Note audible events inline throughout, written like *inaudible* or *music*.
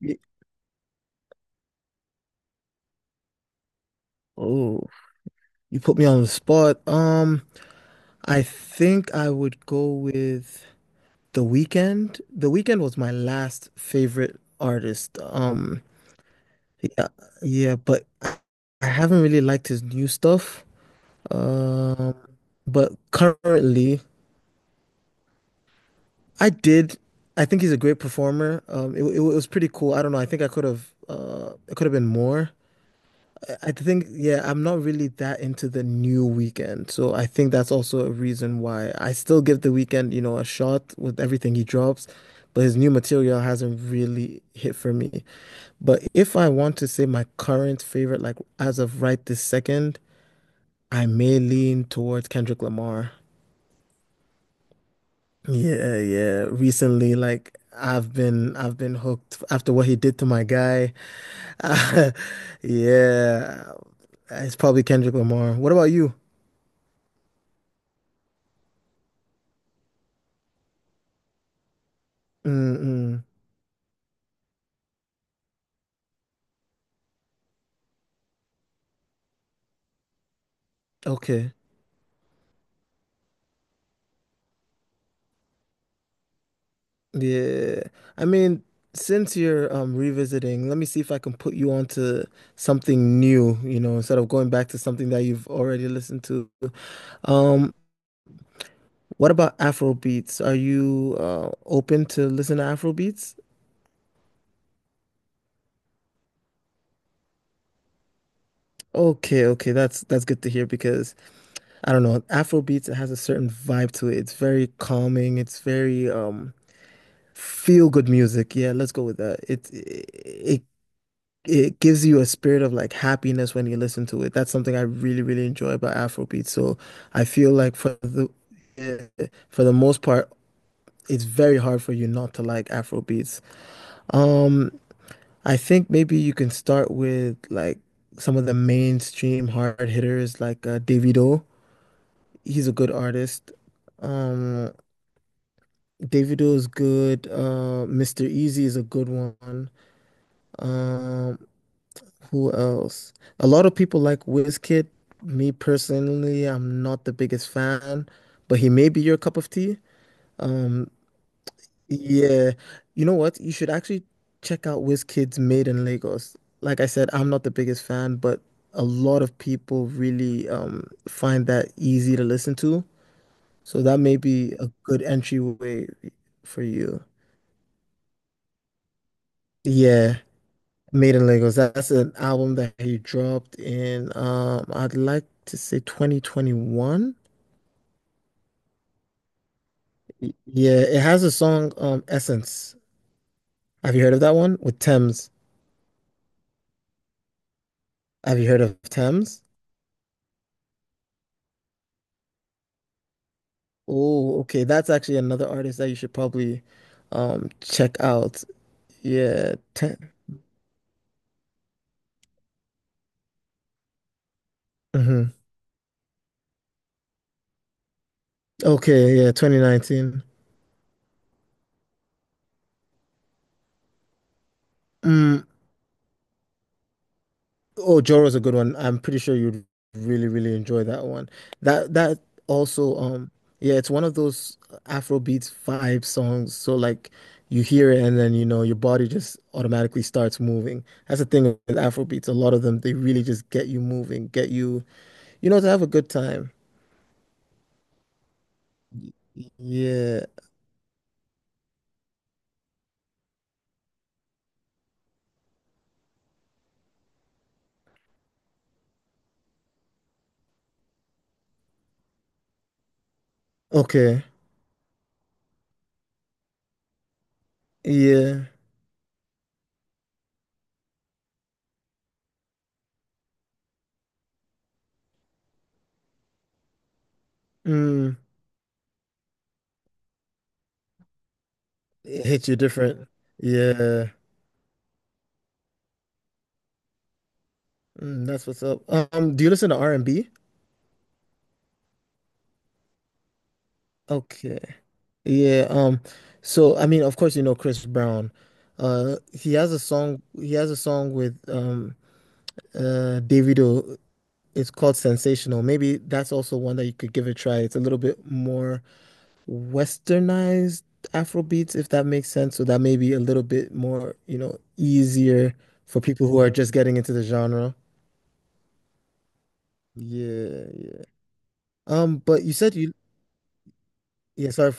Y- Oh, you put me on the spot. I think I would go with The Weeknd. The Weeknd was my last favorite artist. Yeah, yeah, but I haven't really liked his new stuff. Um, but currently, I did. I think he's a great performer. It was pretty cool. I don't know. I think I could have, it could have been more. I think, yeah, I'm not really that into the new weekend. So I think that's also a reason why I still give the weekend, a shot with everything he drops, but his new material hasn't really hit for me. But if I want to say my current favorite, like as of right this second, I may lean towards Kendrick Lamar. Yeah, yeah. Recently, like I've been hooked after what he did to my guy. *laughs* Yeah. It's probably Kendrick Lamar. What about you? Mm-mm. Okay. Yeah. I mean, since you're revisiting, let me see if I can put you onto something new, instead of going back to something that you've already listened to. Um, what about Afro beats? Are you open to listen to Afro beats? Okay, okay, that's good to hear because I don't know, Afro beats it has a certain vibe to it. It's very calming, it's very feel good music. Yeah, let's go with that. It gives you a spirit of like happiness when you listen to it. That's something I really, really enjoy about Afrobeat. So I feel like for the eh, for the most part, it's very hard for you not to like Afrobeats. Um, I think maybe you can start with like some of the mainstream hard hitters like Davido. He's a good artist. Um, Davido is good. Mr. Easy is a good one. Um, Who else? A lot of people like Wizkid. Me personally, I'm not the biggest fan, but he may be your cup of tea. Um, yeah, you know what? You should actually check out Wizkid's Made in Lagos. Like I said, I'm not the biggest fan, but a lot of people really find that easy to listen to. So that may be a good entryway for you. Yeah. Made in Lagos. That's an album that he dropped in I'd like to say 2021. Yeah, it has a song Essence. Have you heard of that one? With Thames. Have you heard of Thames? Oh, okay. That's actually another artist that you should probably check out. Yeah. Mhm. Okay, yeah, 2019. Mm. Oh, Joro's a good one. I'm pretty sure you'd really, really enjoy that one. That also, yeah, it's one of those Afrobeats vibe songs. So like you hear it and then you know your body just automatically starts moving. That's the thing with Afrobeats. A lot of them, they really just get you moving, get you, to have a good time. Y- Yeah. Okay. Yeah. Mm. It hits you different. Yeah. Mm, that's what's up. Do you listen to R&B? Okay. Yeah, so I mean, of course, you know Chris Brown. He has a song. He has a song with Davido. It's called Sensational. Maybe that's also one that you could give a try. It's a little bit more westernized Afrobeats, if that makes sense. So that may be a little bit more, easier for people who are just getting into the genre. Yeah, yeah. But you said you, yeah, sorry.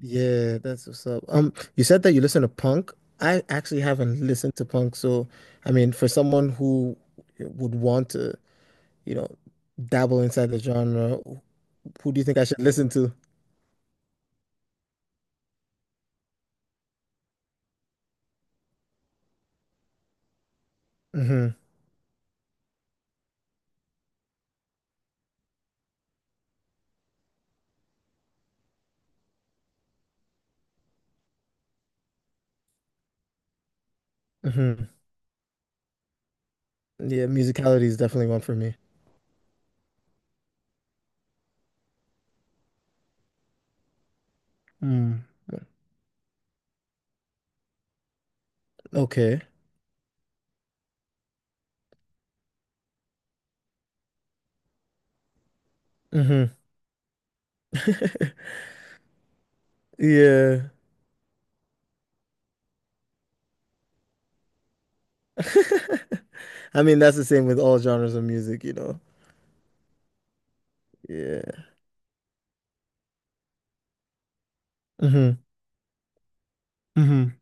Yeah, that's what's up. You said that you listen to punk. I actually haven't listened to punk, so I mean, for someone who would want to, you know, dabble inside the genre, who do you think I should listen to? Hmm. Hmm. Yeah, musicality is definitely one for me. Mm. Okay. Hmm. *laughs* Yeah. *laughs* I mean, that's the same with all genres of music, you know. Yeah. Hmm. Hmm.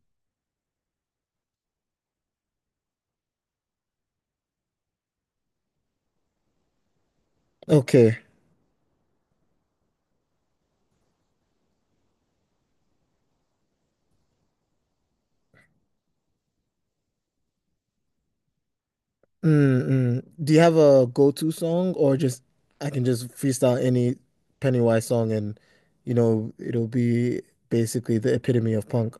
Okay. Mm-mm. Do you have a go-to song or just I can just freestyle any Pennywise song and you know it'll be basically the epitome of punk.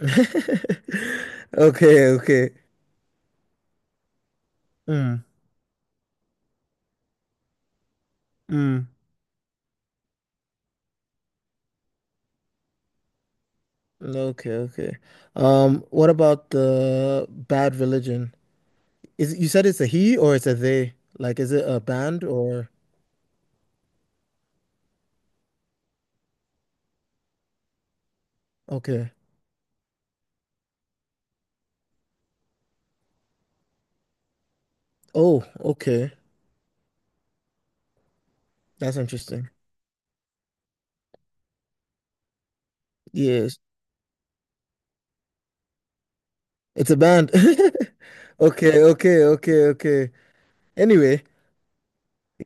*laughs* Okay, okay. Mm, mm. Okay, okay. What about the Bad Religion? Is you said it's a he or it's a they? Like, is it a band or okay. Oh, okay. That's interesting. Yes. It's a band. *laughs* Okay, okay, okay, okay. Anyway,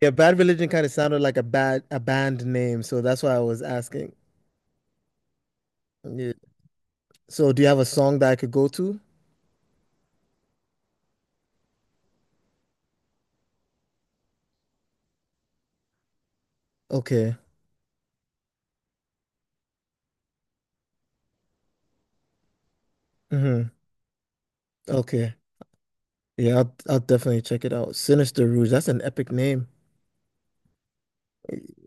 yeah, Bad Religion kind of sounded like a bad a band name, so that's why I was asking. Yeah. So do you have a song that I could go to? Okay. Hmm. Okay. Yeah, I'll definitely check it out. Sinister Rouge, that's an epic name.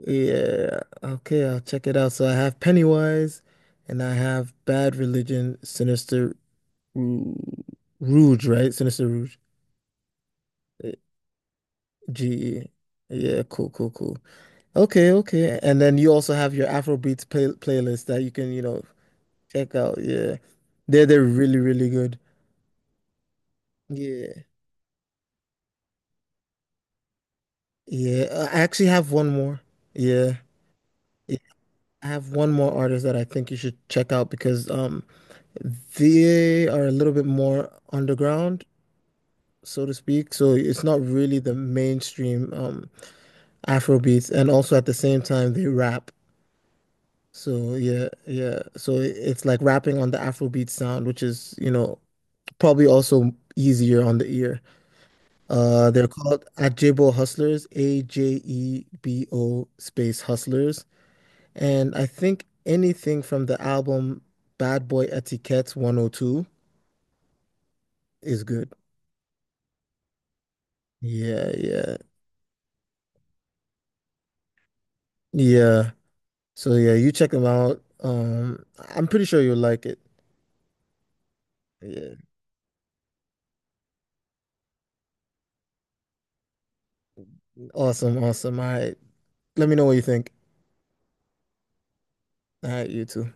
Yeah. Okay, I'll check it out. So I have Pennywise and I have Bad Religion, Sinister Rou- Rouge, right? Sinister Rouge. Uh, G. E. Yeah, cool, cool, cool. Okay, okay. And then you also have your Afrobeats playlist that you can, check out, yeah. They're really, really good. Yeah. Yeah. I actually have one more. Yeah. Yeah. I have one more artist that I think you should check out because they are a little bit more underground, so to speak. So it's not really the mainstream Afro beats, and also at the same time they rap. So yeah, yeah. So it's like rapping on the Afrobeat sound, which is, probably also easier on the ear. They're called Ajebo Hustlers, AJEBO space Hustlers. And I think anything from the album Bad Boy Etiquette 102 is good. Yeah, yeah, yeah. So yeah, you check them out. I'm pretty sure you'll like it. Yeah. Awesome, awesome. All right. Let me know what you think. All right, you too.